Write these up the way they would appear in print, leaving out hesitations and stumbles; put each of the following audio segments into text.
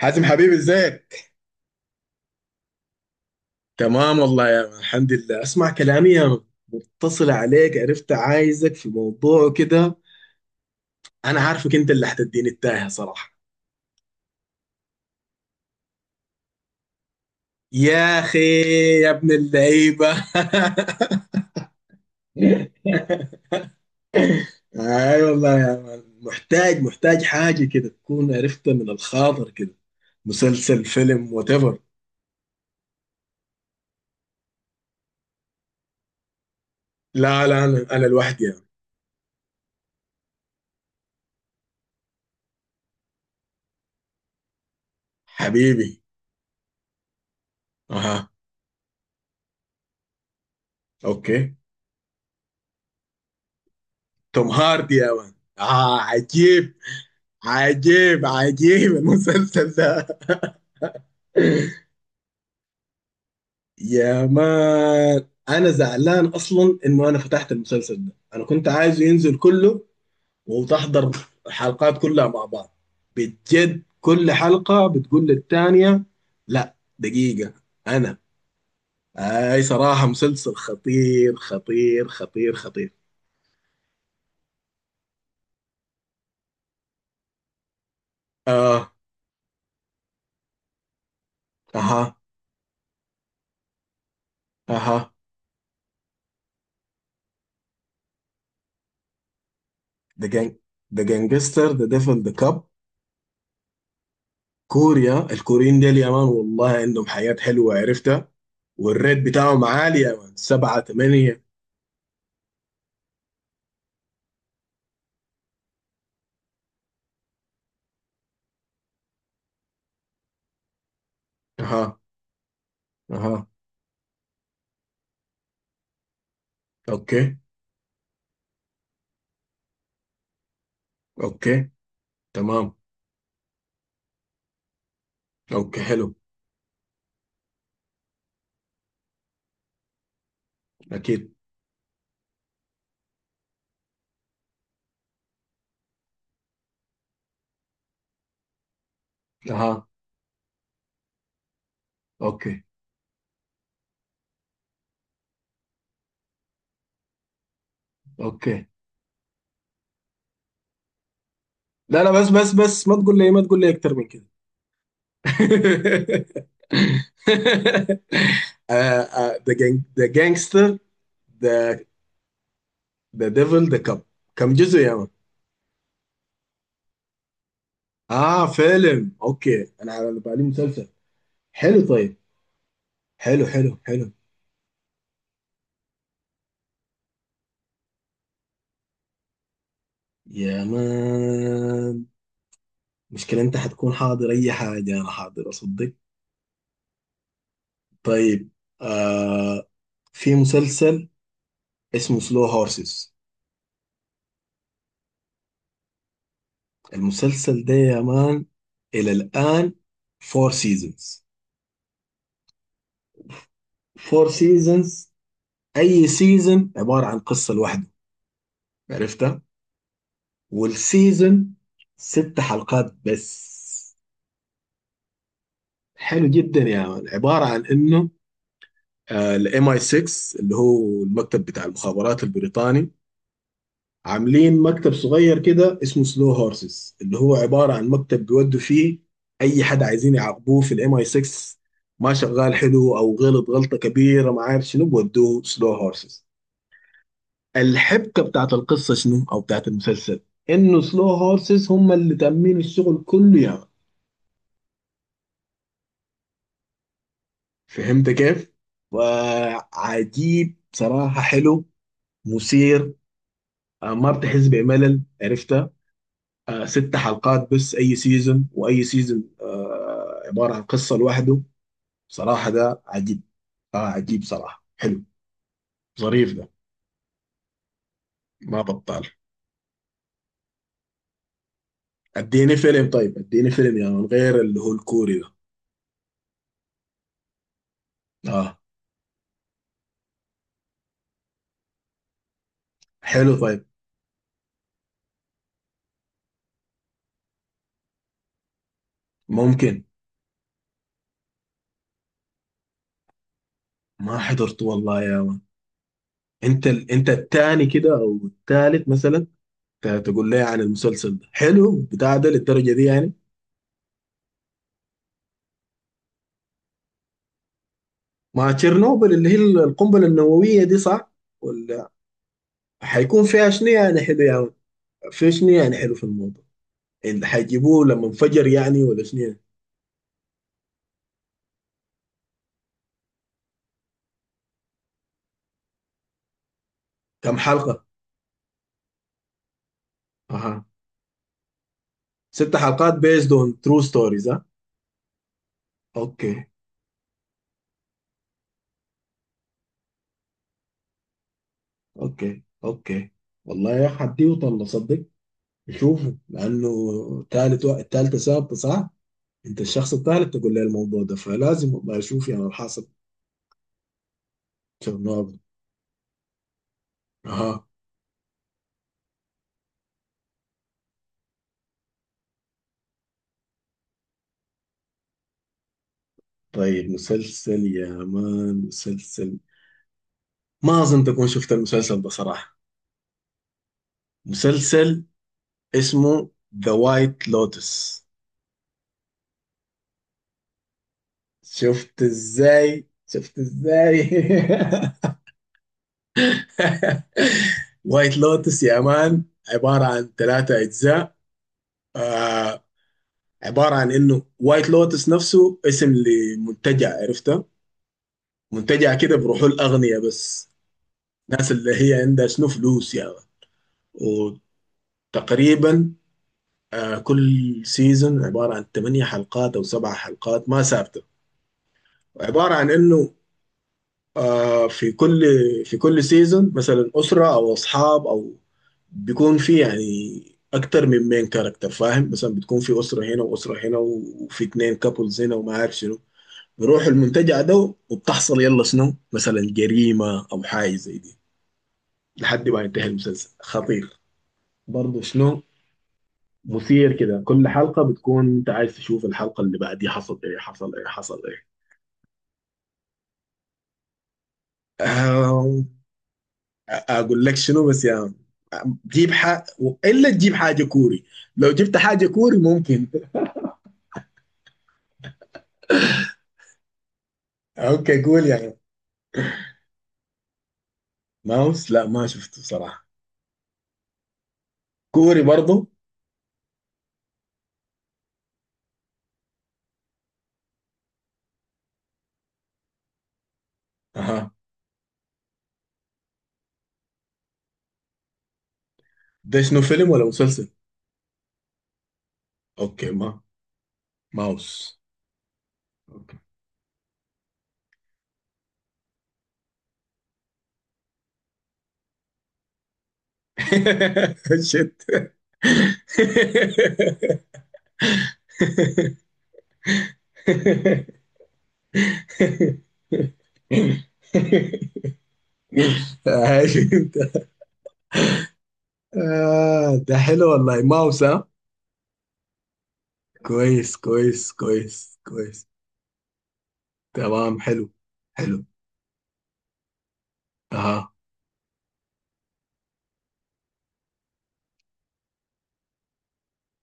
حازم، حبيبي، ازيك؟ تمام والله يا من، الحمد لله. اسمع كلامي يا من، متصل عليك عرفت، عايزك في موضوع كده. انا عارفك انت اللي هتديني التاهة صراحة. يا اخي، يا ابن اللعيبة اي والله يا من، محتاج حاجة كده تكون عرفتها من الخاطر كده، مسلسل، فيلم، وات ايفر. لا لا، انا لوحدي يا من. حبيبي. اها. اوكي. توم هاردي يا من، اه، عجيب. عجيب عجيب المسلسل ده. يا مان انا زعلان اصلا انه انا فتحت المسلسل ده، انا كنت عايزه ينزل كله وتحضر الحلقات كلها مع بعض. بجد كل حلقة بتقول للتانية لا دقيقة. انا اي صراحة، مسلسل خطير خطير خطير خطير. اه. اها. اها. ذا جانج، ذا جانجستر ذا ديفل ذا كاب. كوريا، الكوريين ديل يا مان والله عندهم حياة حلوة، عرفتها. والريت بتاعهم عالي يا مان، سبعة تمانية. اها. اها. اوكي. اوكي. تمام. اوكي حلو. اكيد. اها. اوكي. اوكي. لا لا، بس بس بس، ما تقول لي، ما تقول لي اكتر من كده. ذا جانج، ذا جانجستر، ذا ذا ديفل ذا كاب. كم جزء يا مان؟ اه فيلم، اوكي، انا على بالي مسلسل. حلو طيب. حلو حلو حلو. يا مان مشكلة، انت حتكون حاضر اي حاجة انا حاضر، اصدق. طيب. آه. في مسلسل اسمه سلو هورسز. المسلسل ده يا مان، الى الان فور سيزونز. فور سيزونز، اي سيزون عبارة عن قصة لوحده، عرفتها. والسيزون ست حلقات بس. حلو جدا يا مان، عبارة عن انه الام اي 6 اللي هو المكتب بتاع المخابرات البريطاني، عاملين مكتب صغير كده اسمه سلو هورسز، اللي هو عبارة عن مكتب بيودوا فيه أي حد عايزين يعاقبوه في الام اي 6. ما شغال حلو أو غلط غلطة كبيرة ما عارف شنو، بودوه سلو هورسز. الحبكة بتاعت القصة شنو أو بتاعت المسلسل، إنه سلو هورسز هم اللي تأمين الشغل كله يعني. فهمت كيف؟ وعجيب صراحة، حلو، مثير، ما بتحس بملل، عرفت. ست حلقات بس، اي سيزون واي سيزون، عباره عن قصه لوحده. صراحه ده عجيب. اه عجيب صراحه، حلو، ظريف ده، ما بطال. اديني فيلم طيب، اديني فيلم يا من غير اللي هو الكوري ده. اه. حلو طيب. ممكن. ما حضرته والله يا من. انت انت الثاني كده او الثالث مثلا، تقول لي عن المسلسل ده حلو بتاع ده للدرجه دي يعني. ما تشيرنوبل اللي هي القنبله النوويه دي، صح ولا؟ حيكون فيها شنو يعني حلو يا من؟ في شنو يعني حلو في الموضوع، اللي حيجيبوه لما انفجر يعني، ولا شنو يعني؟ كم حلقة؟ اها. ست حلقات based on true stories، ها؟ اوكي اوكي اوكي. والله يا اخي حديه طلع صدق، نشوفه لانه تالت التالتة ثابتة صح. انت الشخص الثالث تقول لي الموضوع ده، فلازم والله اشوف يعني الحاصل. تشيرنوبل. اها. طيب مسلسل يا مان، مسلسل ما اظن تكون شفت المسلسل ده صراحة. مسلسل اسمه ذا وايت لوتس. شفت ازاي، شفت ازاي. وايت لوتس يا مان عبارة عن ثلاثة أجزاء. آه، عبارة عن إنه وايت لوتس نفسه اسم لمنتجع، عرفته. منتجع كده بروحه الأغنياء بس، الناس اللي هي عندها شنو فلوس يعني. وتقريبا كل سيزون عبارة عن ثمانية حلقات أو سبع حلقات، ما ثابتة. عبارة عن إنه، آه في كل في كل سيزون مثلا أسرة أو أصحاب أو بيكون في يعني أكتر من مين كاركتر، فاهم؟ مثلا بتكون في أسرة هنا وأسرة هنا وفي اتنين كابلز هنا وما عارف شنو، بيروحوا المنتجع ده وبتحصل يلا شنو مثلا جريمة أو حاجة زي دي، لحد ما ينتهي المسلسل. خطير برضه شنو، مثير كده، كل حلقة بتكون أنت عايز تشوف الحلقة اللي بعديها، حصل إيه حصل إيه حصل إيه. اقول لك شنو بس يا عم، جيب حاجة. الا تجيب حاجة كوري، لو جبت حاجة كوري ممكن. اوكي قول يا عم. ماوس؟ لا ما شفته صراحة. كوري برضو. اها. ده شنو فيلم ولا مسلسل؟ اوكي. ما. ماوس. اوكي. شت. آه، شفت. آه، ده حلو والله. ماوس، ها؟ كويس كويس كويس كويس. تمام. حلو. حلو. اها.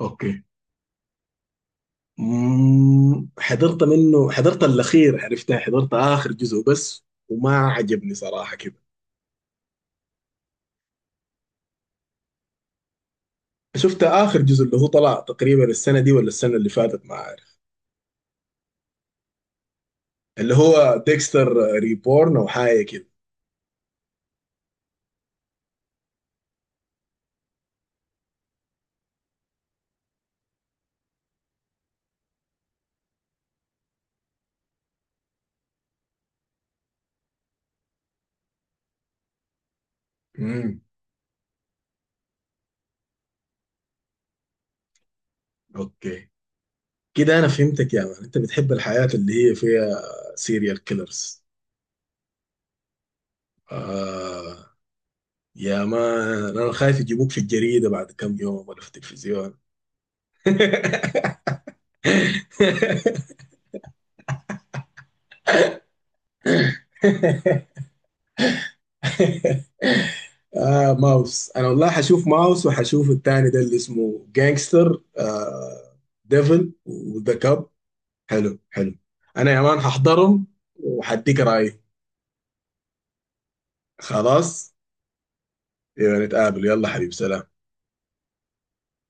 اوكي. مم. حضرت منه، حضرت الاخير عرفتها، حضرت اخر جزء بس وما عجبني صراحه كده. شفت اخر جزء اللي هو طلع تقريبا السنه دي ولا السنه اللي فاتت ما عارف. اللي هو ديكستر ريبورن او حاجه كده. امم. اوكي. كده انا فهمتك يا مان، انت بتحب الحياه اللي هي فيها سيريال كيلرز. آه يا مان انا خايف يجيبوك في الجريده بعد كم يوم ولا في التلفزيون. ماوس، انا والله حشوف ماوس وحشوف التاني ده اللي اسمه جانجستر، ديفل وذا كاب. حلو حلو. انا يا مان هحضرهم وحديك رايي. خلاص، يبقى نتقابل. يلا حبيبي سلام.